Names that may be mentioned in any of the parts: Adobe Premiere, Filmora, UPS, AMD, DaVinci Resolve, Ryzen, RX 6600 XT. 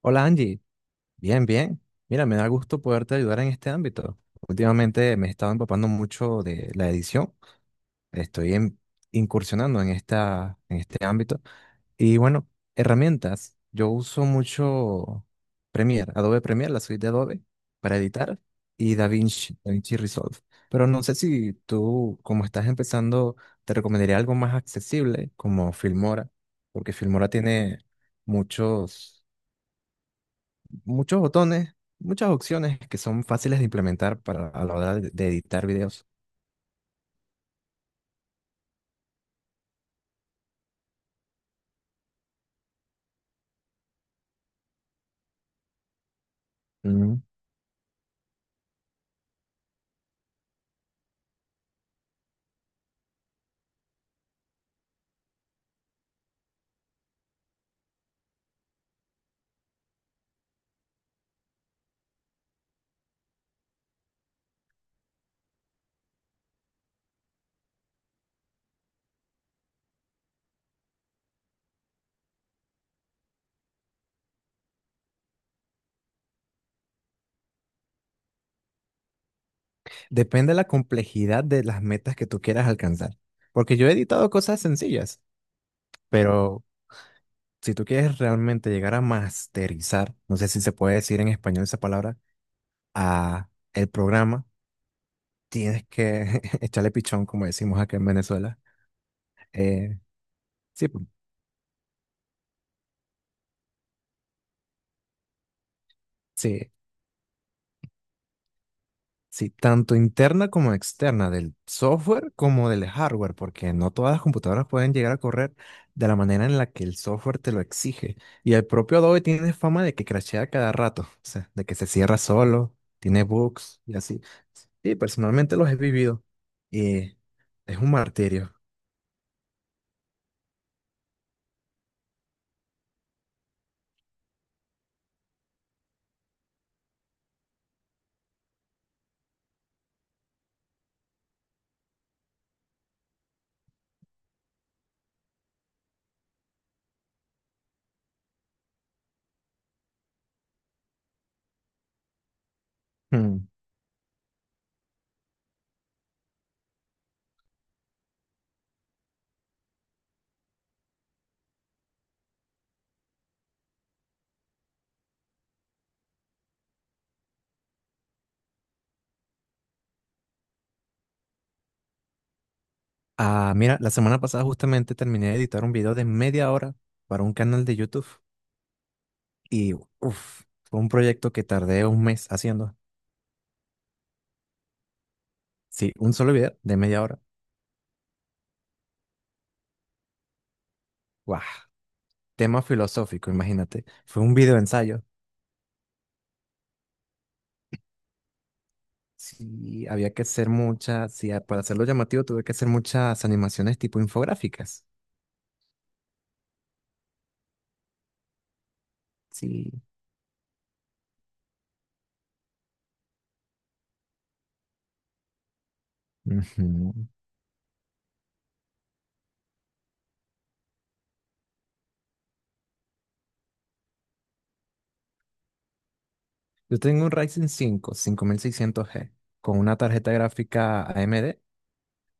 Hola Angie, bien, bien. Mira, me da gusto poderte ayudar en este ámbito. Últimamente me he estado empapando mucho de la edición. Estoy en- Incursionando en este ámbito. Y bueno, herramientas. Yo uso mucho Premiere, Adobe Premiere, la suite de Adobe para editar y DaVinci, DaVinci Resolve. Pero no sé si tú, como estás empezando, te recomendaría algo más accesible como Filmora, porque Filmora tiene muchos muchos botones, muchas opciones que son fáciles de implementar para a la hora de editar videos. Mm. Depende de la complejidad de las metas que tú quieras alcanzar. Porque yo he editado cosas sencillas, pero si tú quieres realmente llegar a masterizar, no sé si se puede decir en español esa palabra, a el programa, tienes que echarle pichón, como decimos acá en Venezuela. Eh, sí, sí, sí, tanto interna como externa, del software como del hardware, porque no todas las computadoras pueden llegar a correr de la manera en la que el software te lo exige. Y el propio Adobe tiene fama de que crashea cada rato, o sea, de que se cierra solo, tiene bugs y así. Sí, personalmente los he vivido y es un martirio. Hmm. Ah, mira, la semana pasada justamente terminé de editar un video de media hora para un canal de YouTube y, uff, fue un proyecto que tardé un mes haciendo. Sí, un solo video de media hora. ¡Guau! Tema filosófico, imagínate. Fue un video ensayo. Sí, había que hacer muchas, sí, para hacerlo llamativo tuve que hacer muchas animaciones tipo infográficas. Sí. Ujú. Yo tengo un Ryzen 5, 5600G con una tarjeta gráfica AMD,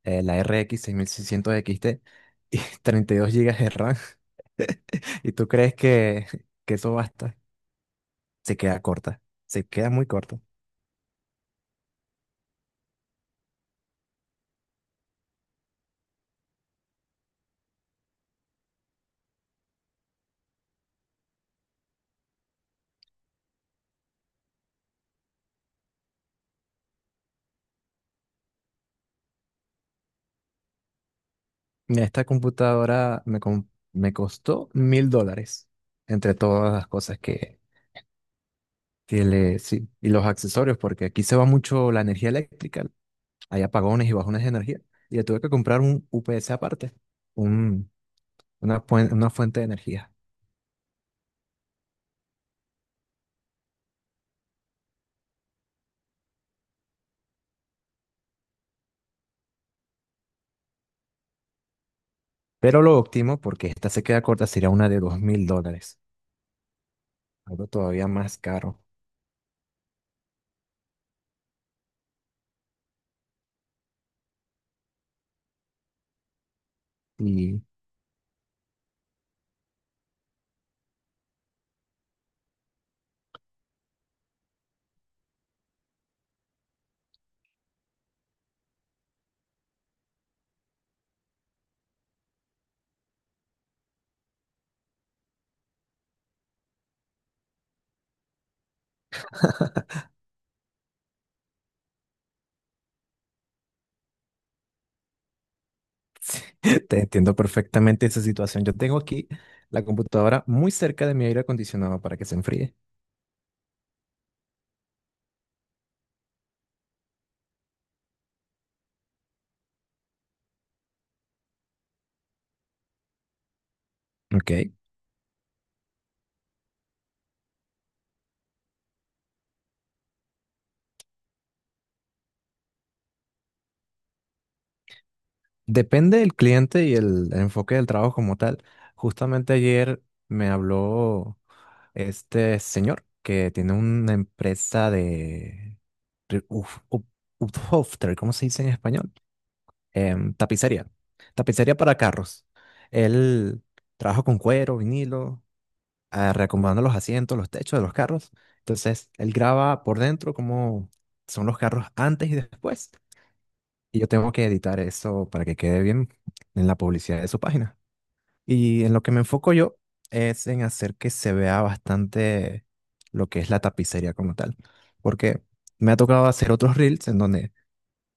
la RX 6600 XT y 32 gigas de RAM. ¿Y tú crees que eso basta? Se queda corta, se queda muy corta. Mira, esta computadora me costó $1000 entre todas las cosas que tiene, sí, y los accesorios, porque aquí se va mucho la energía eléctrica, hay apagones y bajones de energía, y le tuve que comprar un UPS aparte, un, una fuente de energía. Pero lo óptimo, porque esta se queda corta, sería una de $2000, algo todavía más caro. Y te entiendo perfectamente esa situación. Yo tengo aquí la computadora muy cerca de mi aire acondicionado para que se enfríe. Ok. Depende del cliente y el enfoque del trabajo como tal. Justamente ayer me habló este señor que tiene una empresa de Uphofter, ¿cómo se dice en español? Tapicería. Tapicería para carros. Él trabaja con cuero, vinilo, reacomodando los asientos, los techos de los carros. Entonces, él graba por dentro cómo son los carros antes y después. Y yo tengo que editar eso para que quede bien en la publicidad de su página. Y en lo que me enfoco yo es en hacer que se vea bastante lo que es la tapicería como tal. Porque me ha tocado hacer otros reels en donde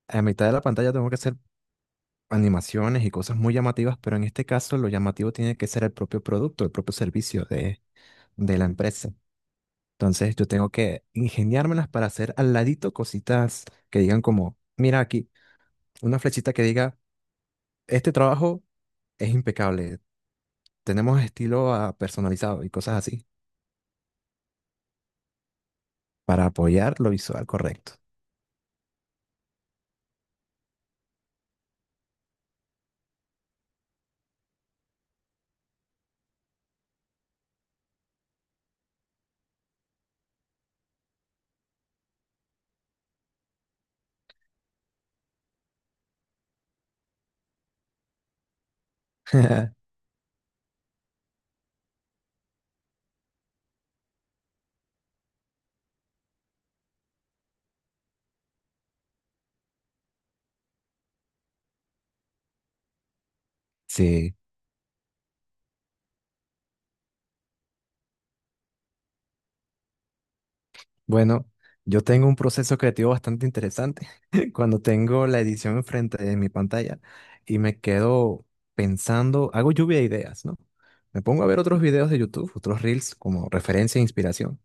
a mitad de la pantalla tengo que hacer animaciones y cosas muy llamativas, pero en este caso lo llamativo tiene que ser el propio producto, el propio servicio de la empresa. Entonces yo tengo que ingeniármelas para hacer al ladito cositas que digan como, mira aquí, una flechita que diga, este trabajo es impecable. Tenemos estilo personalizado y cosas así para apoyar lo visual correcto. Sí, bueno, yo tengo un proceso creativo bastante interesante cuando tengo la edición enfrente de mi pantalla y me quedo pensando, hago lluvia de ideas, ¿no? Me pongo a ver otros videos de YouTube, otros reels como referencia e inspiración.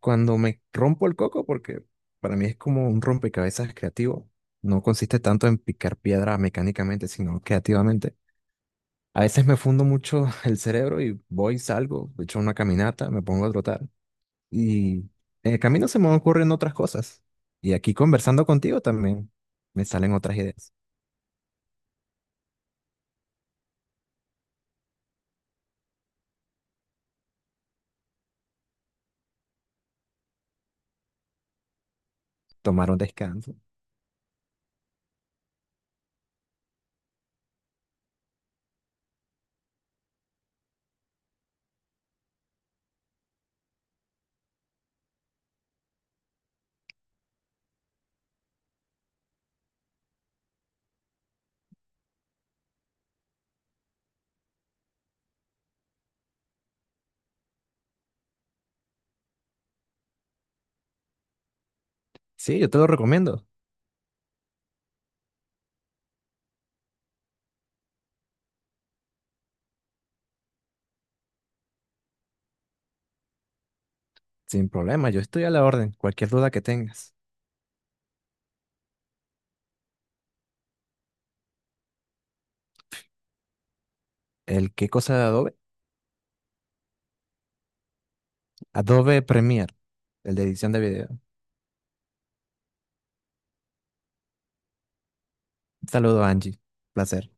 Cuando me rompo el coco, porque para mí es como un rompecabezas creativo, no consiste tanto en picar piedra mecánicamente, sino creativamente. A veces me fundo mucho el cerebro y voy, salgo, echo una caminata, me pongo a trotar y en el camino se me ocurren otras cosas. Y aquí conversando contigo también me salen otras ideas. Tomar un descanso. Sí, yo te lo recomiendo, sin problema, yo estoy a la orden, cualquier duda que tengas. ¿El qué cosa de Adobe? Adobe Premiere, el de edición de video. Un saludo, Angie. Placer.